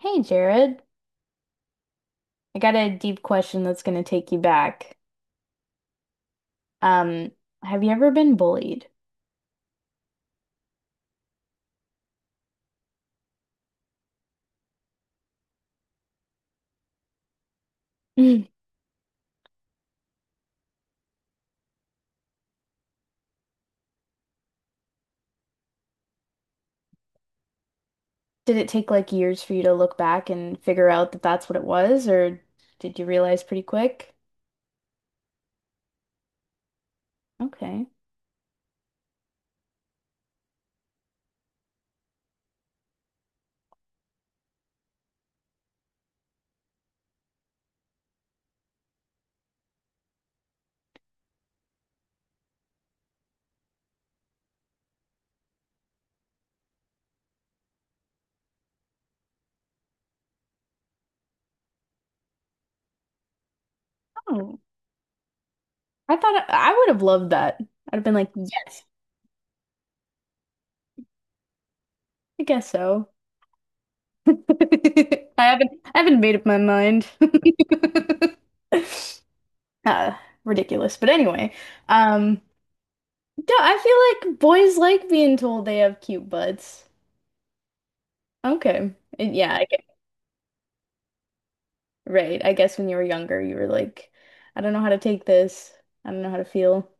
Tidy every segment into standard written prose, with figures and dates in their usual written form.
Hey Jared, I got a deep question that's going to take you back. Um, have you ever been bullied? Did it take like years for you to look back and figure out that that's what it was, or did you realize pretty quick? Okay. Oh, I thought I would have loved that. I'd have been like, yes, I guess so. I haven't made up my mind. Uh, ridiculous. But anyway, um, yeah, I feel like boys like being told they have cute butts. Okay. And yeah, I get, right. I guess when you were younger, you were like, I don't know how to take this. I don't know how to feel.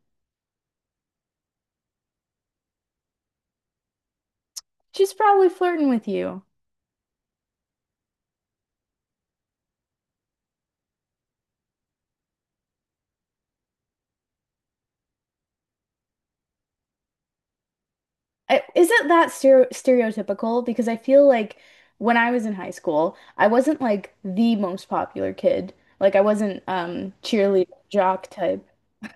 She's probably flirting with you. I, is it that stereotypical? Because I feel like when I was in high school, I wasn't like the most popular kid. Like I wasn't cheerleader jock type.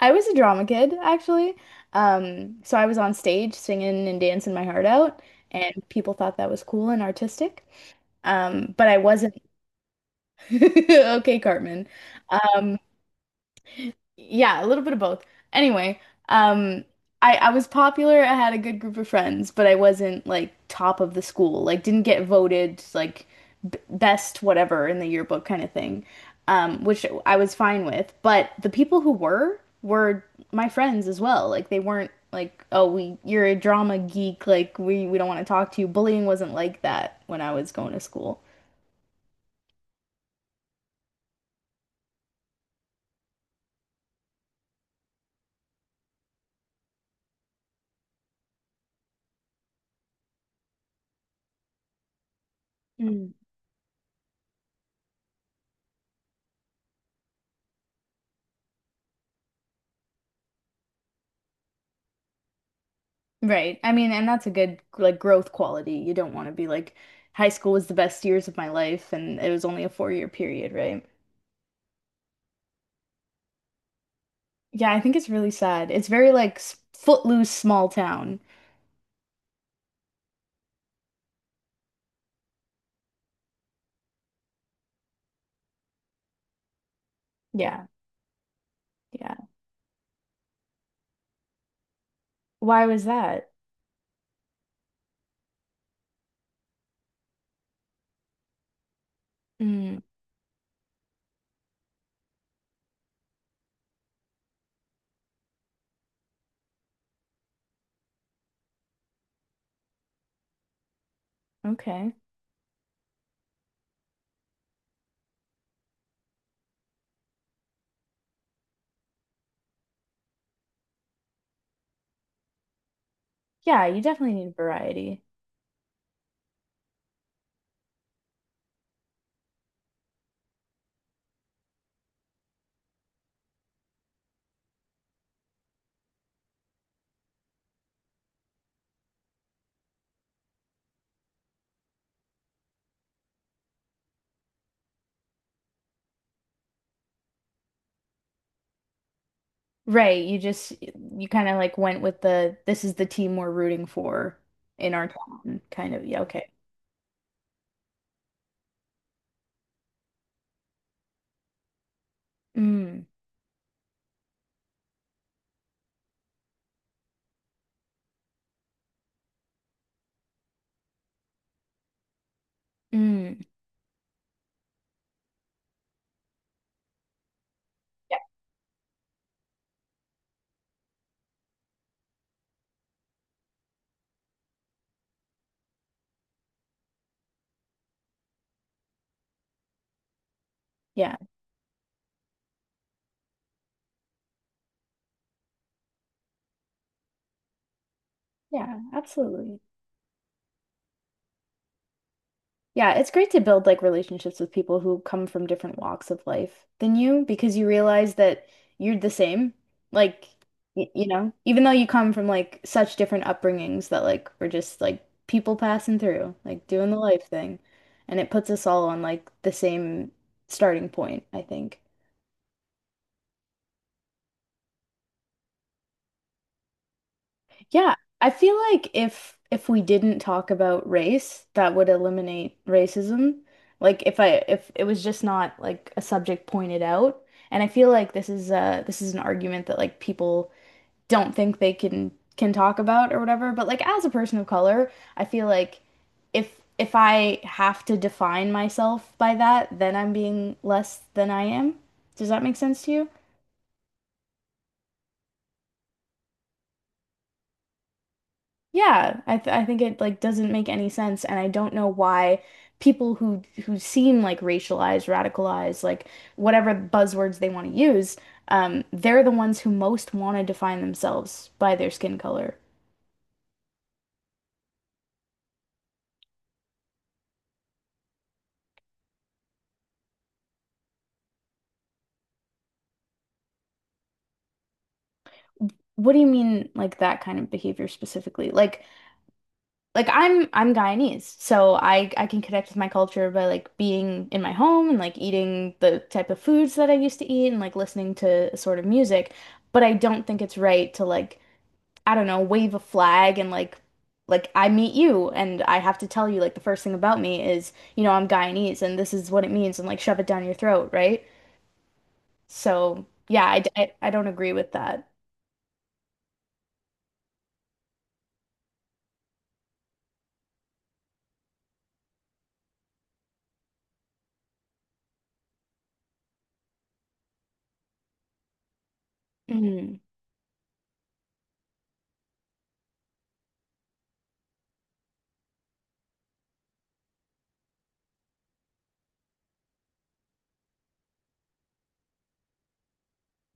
I was a drama kid actually. So I was on stage singing and dancing my heart out, and people thought that was cool and artistic. But I wasn't Okay, Cartman. Um, yeah, a little bit of both. Anyway, um, I was popular. I had a good group of friends, but I wasn't like top of the school. Like, didn't get voted like b best whatever in the yearbook kind of thing, which I was fine with. But the people who were my friends as well. Like, they weren't like, oh, we you're a drama geek. Like, we don't want to talk to you. Bullying wasn't like that when I was going to school. Right. I mean, and that's a good like growth quality. You don't want to be like high school was the best years of my life and it was only a 4 year period, right? Yeah, I think it's really sad. It's very like footloose small town. Yeah. Yeah. Why was that? Mm, okay. Yeah, you definitely need variety. Right. You just you kind of like went with the this is the team we're rooting for in our town kind of. Yeah, okay. Mm, mm. Yeah. Yeah. Yeah, absolutely. Yeah, it's great to build like relationships with people who come from different walks of life than you because you realize that you're the same. Like, y you know, even though you come from like such different upbringings that like we're just like people passing through, like doing the life thing. And it puts us all on like the same starting point, I think. Yeah, I feel like if we didn't talk about race, that would eliminate racism. Like if it was just not like a subject pointed out, and I feel like this is an argument that like people don't think they can talk about or whatever, but like as a person of color, I feel like if I have to define myself by that, then I'm being less than I am. Does that make sense to you? Yeah, I think it like doesn't make any sense, and I don't know why people who seem like racialized, radicalized, like whatever buzzwords they want to use, they're the ones who most want to define themselves by their skin color. What do you mean, like that kind of behavior specifically? Like I'm Guyanese, so I can connect with my culture by like being in my home and like eating the type of foods that I used to eat and like listening to a sort of music, but I don't think it's right to like I don't know, wave a flag and like I meet you and I have to tell you like the first thing about me is, you know, I'm Guyanese and this is what it means and like shove it down your throat, right? So, yeah, I don't agree with that. Mhm.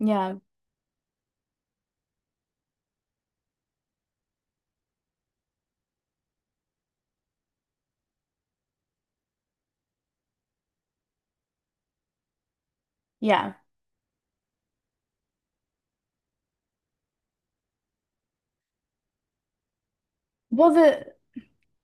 Yeah. Yeah. Well, the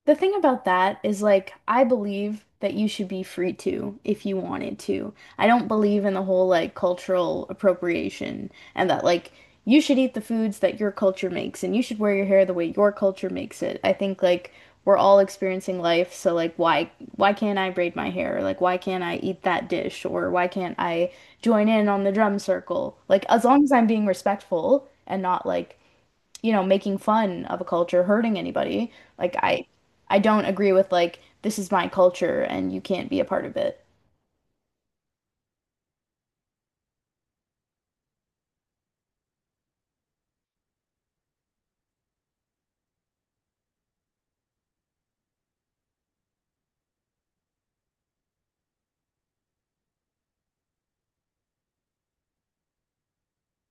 The thing about that is like I believe that you should be free to if you wanted to. I don't believe in the whole like cultural appropriation and that like you should eat the foods that your culture makes and you should wear your hair the way your culture makes it. I think like we're all experiencing life, so like why can't I braid my hair? Or, like why can't I eat that dish or why can't I join in on the drum circle? Like as long as I'm being respectful and not like you know, making fun of a culture, hurting anybody. Like I I don't agree with like this is my culture and you can't be a part of it.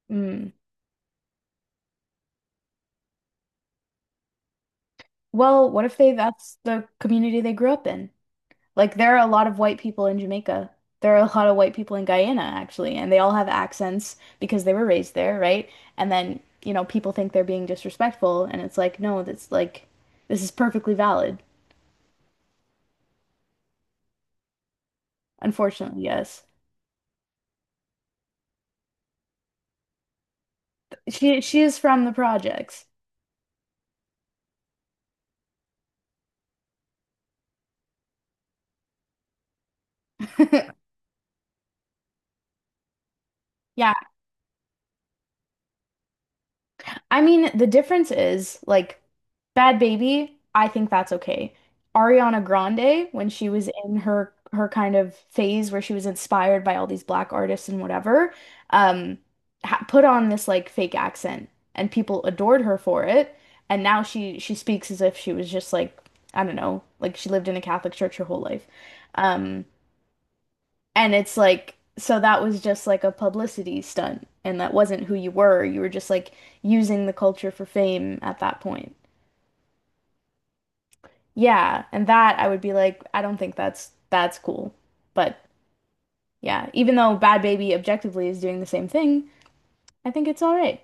Mm. Well, what if they that's the community they grew up in? Like there are a lot of white people in Jamaica. There are a lot of white people in Guyana actually, and they all have accents because they were raised there, right? And then, you know, people think they're being disrespectful and it's like, no, that's like this is perfectly valid. Unfortunately, yes. She is from the projects. Yeah, I mean, the difference is like Bad Baby, I think that's okay. Ariana Grande, when she was in her kind of phase where she was inspired by all these black artists and whatever, um, ha put on this like fake accent and people adored her for it. And now she speaks as if she was just like, I don't know, like she lived in a Catholic church her whole life. Um, and it's like, so that was just like a publicity stunt, and that wasn't who you were. You were just like using the culture for fame at that point. Yeah, and that I would be like, I don't think that's cool. But yeah, even though Bad Baby objectively is doing the same thing, I think it's all right.